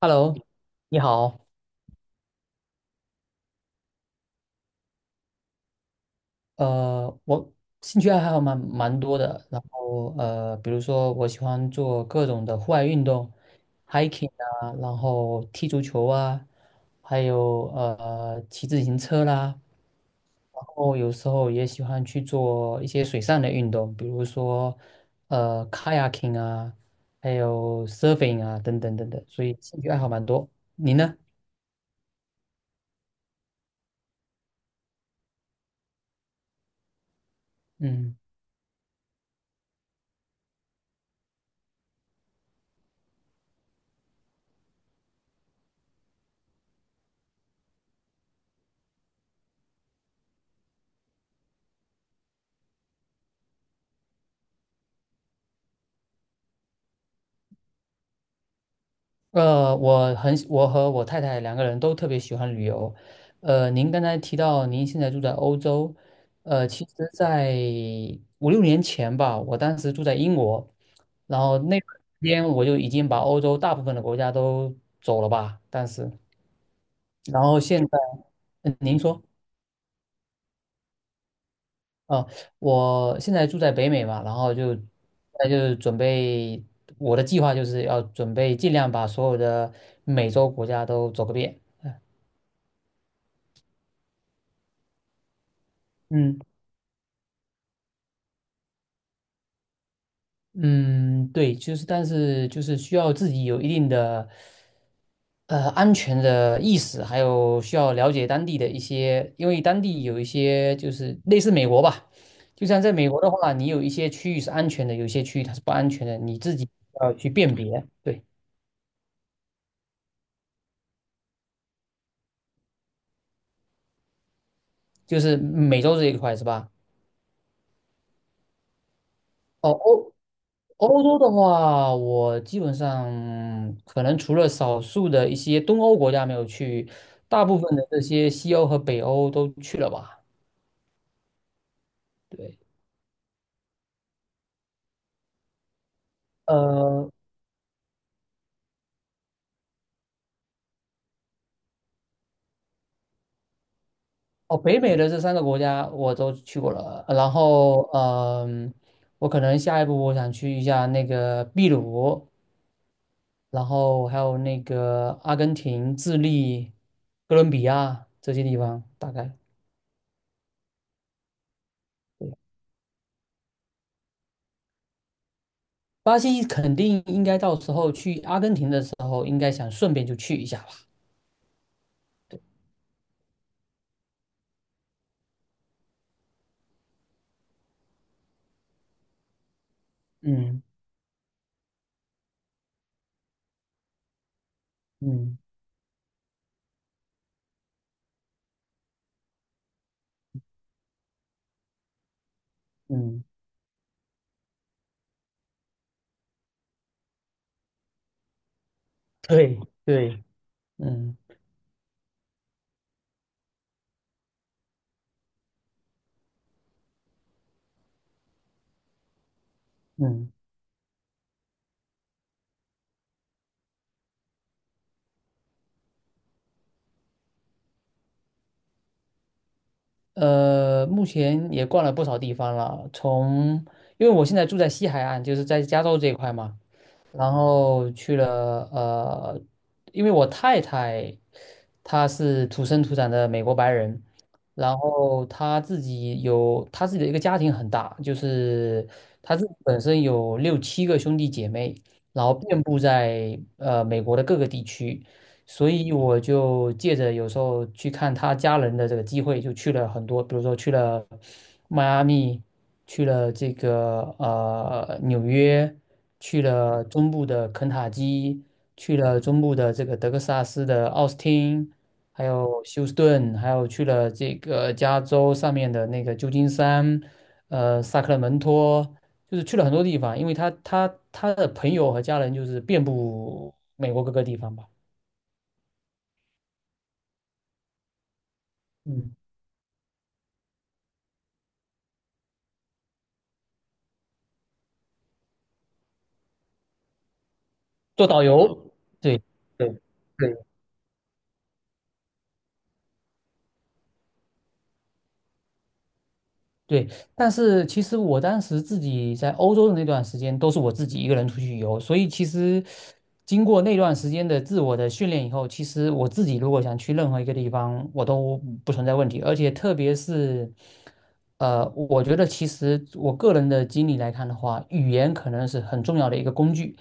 Hello，你好。我兴趣爱好蛮多的，然后比如说我喜欢做各种的户外运动，hiking 啊，然后踢足球啊，还有骑自行车啦，然后有时候也喜欢去做一些水上的运动，比如说kayaking 啊，还有 surfing 啊等等等等，所以兴趣爱好蛮多。你呢？嗯。我很喜我和我太太两个人都特别喜欢旅游。您刚才提到您现在住在欧洲，其实在五六年前吧，我当时住在英国，然后那段时间我就已经把欧洲大部分的国家都走了吧，当时，然后现在，嗯，您说。哦，我现在住在北美嘛，然后就，那就是准备我的计划就是要准备尽量把所有的美洲国家都走个遍。嗯，嗯，对，就是但是就是需要自己有一定的安全的意识，还有需要了解当地的一些，因为当地有一些就是类似美国吧，就像在美国的话，你有一些区域是安全的，有一些区域它是不安全的，你自己要去辨别。对，就是美洲这一块是吧？哦，欧洲的话，我基本上可能除了少数的一些东欧国家没有去，大部分的这些西欧和北欧都去了吧？对，呃，哦，北美的这三个国家我都去过了，然后我可能下一步我想去一下那个秘鲁，然后还有那个阿根廷、智利、哥伦比亚这些地方，大概。巴西肯定应该到时候去阿根廷的时候，应该想顺便就去一下吧。嗯嗯嗯，对对，嗯嗯，目前也逛了不少地方了，从因为我现在住在西海岸，就是在加州这一块嘛，然后去了因为我太太她是土生土长的美国白人，然后她自己有她自己的一个家庭很大，就是她自己本身有六七个兄弟姐妹，然后遍布在美国的各个地区，所以我就借着有时候去看他家人的这个机会，就去了很多，比如说去了迈阿密，去了这个纽约，去了中部的肯塔基，去了中部的这个德克萨斯的奥斯汀，还有休斯顿，还有去了这个加州上面的那个旧金山，萨克拉门托。就是去了很多地方，因为他的朋友和家人就是遍布美国各个地方吧。嗯。做导游，嗯对对对，但是其实我当时自己在欧洲的那段时间，都是我自己一个人出去游，所以其实经过那段时间的自我的训练以后，其实我自己如果想去任何一个地方，我都不存在问题，而且特别是，我觉得其实我个人的经历来看的话，语言可能是很重要的一个工具。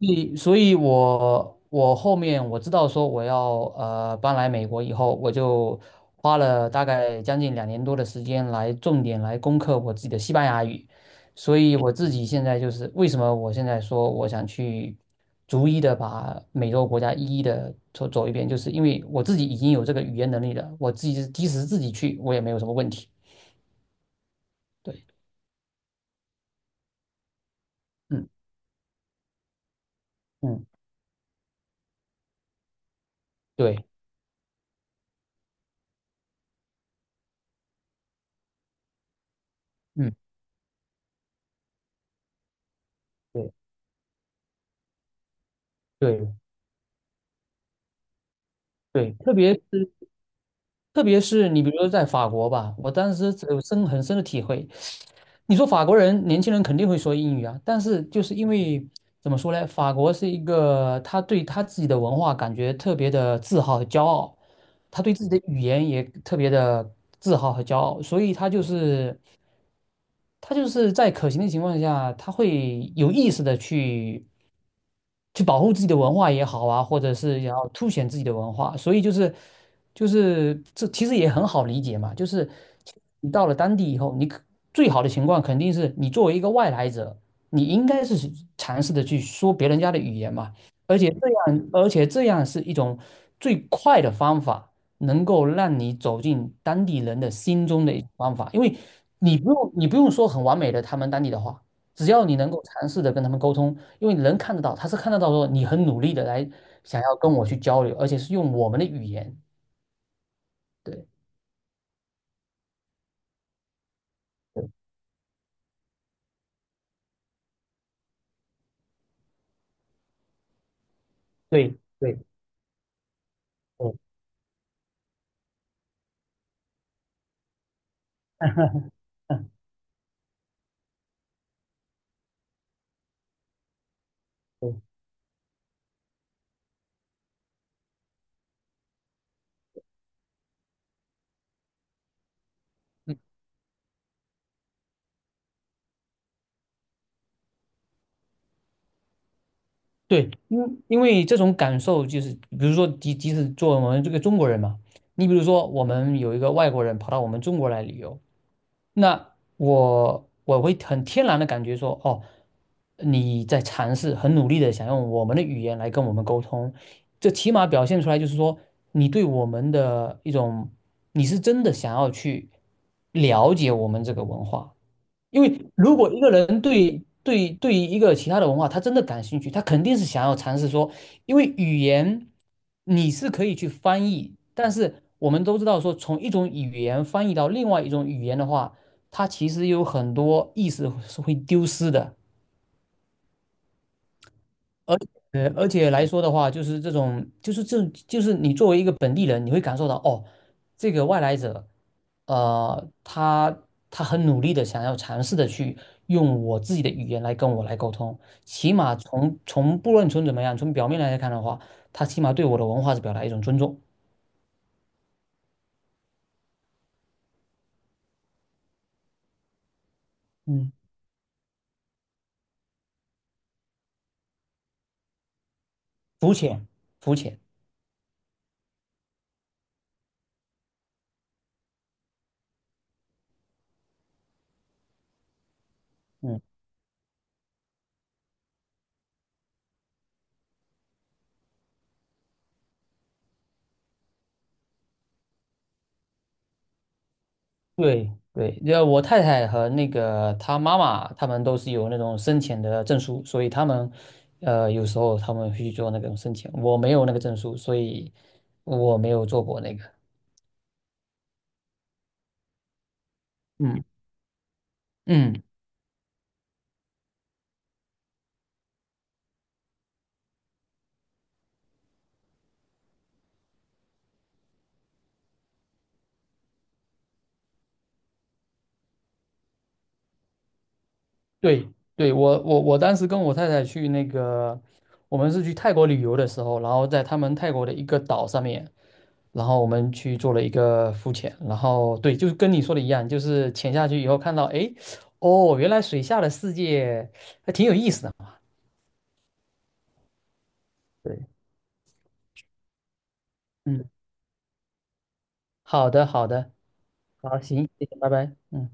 所以我后面我知道说我要搬来美国以后，我就花了大概将近两年多的时间来重点来攻克我自己的西班牙语，所以我自己现在就是为什么我现在说我想去逐一的把美洲国家一一的走走一遍，就是因为我自己已经有这个语言能力了，我自己即使自己去我也没有什么问题。对，嗯嗯，对，嗯对对对，特别是你比如说在法国吧，我当时很深的体会。你说法国人年轻人肯定会说英语啊，但是就是因为怎么说呢，法国是一个他对他自己的文化感觉特别的自豪和骄傲，他对自己的语言也特别的自豪和骄傲，所以他就是在可行的情况下，他会有意识的去。去保护自己的文化也好啊，或者是要凸显自己的文化，所以就是就是这其实也很好理解嘛，就是你到了当地以后，最好的情况肯定是你作为一个外来者，你应该是去尝试的去说别人家的语言嘛，而且这样是一种最快的方法，能够让你走进当地人的心中的一种方法，因为你不用说很完美的他们当地的话。只要你能够尝试的跟他们沟通，因为能看得到，他是看得到说你很努力的来想要跟我去交流，而且是用我们的语言。对对对对，嗯嗯对嗯对，因为这种感受就是，比如说，即使作为我们这个中国人嘛，你比如说，我们有一个外国人跑到我们中国来旅游，那我会很天然的感觉说，哦，你在尝试，很努力的想用我们的语言来跟我们沟通，这起码表现出来就是说，你对我们的一种，你是真的想要去了解我们这个文化，因为如果一个人对于一个其他的文化，他真的感兴趣，他肯定是想要尝试说，因为语言你是可以去翻译，但是我们都知道说，从一种语言翻译到另外一种语言的话，它其实有很多意思是会丢失的。而而且来说的话，就是这种，就是这，就是你作为一个本地人，你会感受到哦，这个外来者，呃，他他很努力的想要尝试的去用我自己的语言来跟我来沟通，起码从不论从怎么样，从表面来看的话，他起码对我的文化是表达一种尊重，嗯肤浅，肤浅，嗯。对对，要我太太和那个她妈妈，他们都是有那种生前的证书，所以他们，有时候他们会去做那种生前，我没有那个证书，所以我没有做过那个。嗯嗯，对对，我我当时跟我太太去那个，我们是去泰国旅游的时候，然后在他们泰国的一个岛上面，然后我们去做了一个浮潜，然后对，就是跟你说的一样，就是潜下去以后看到，哎，哦，原来水下的世界还挺有意思的。对，嗯，好的好的，好，行，谢谢，拜拜。嗯。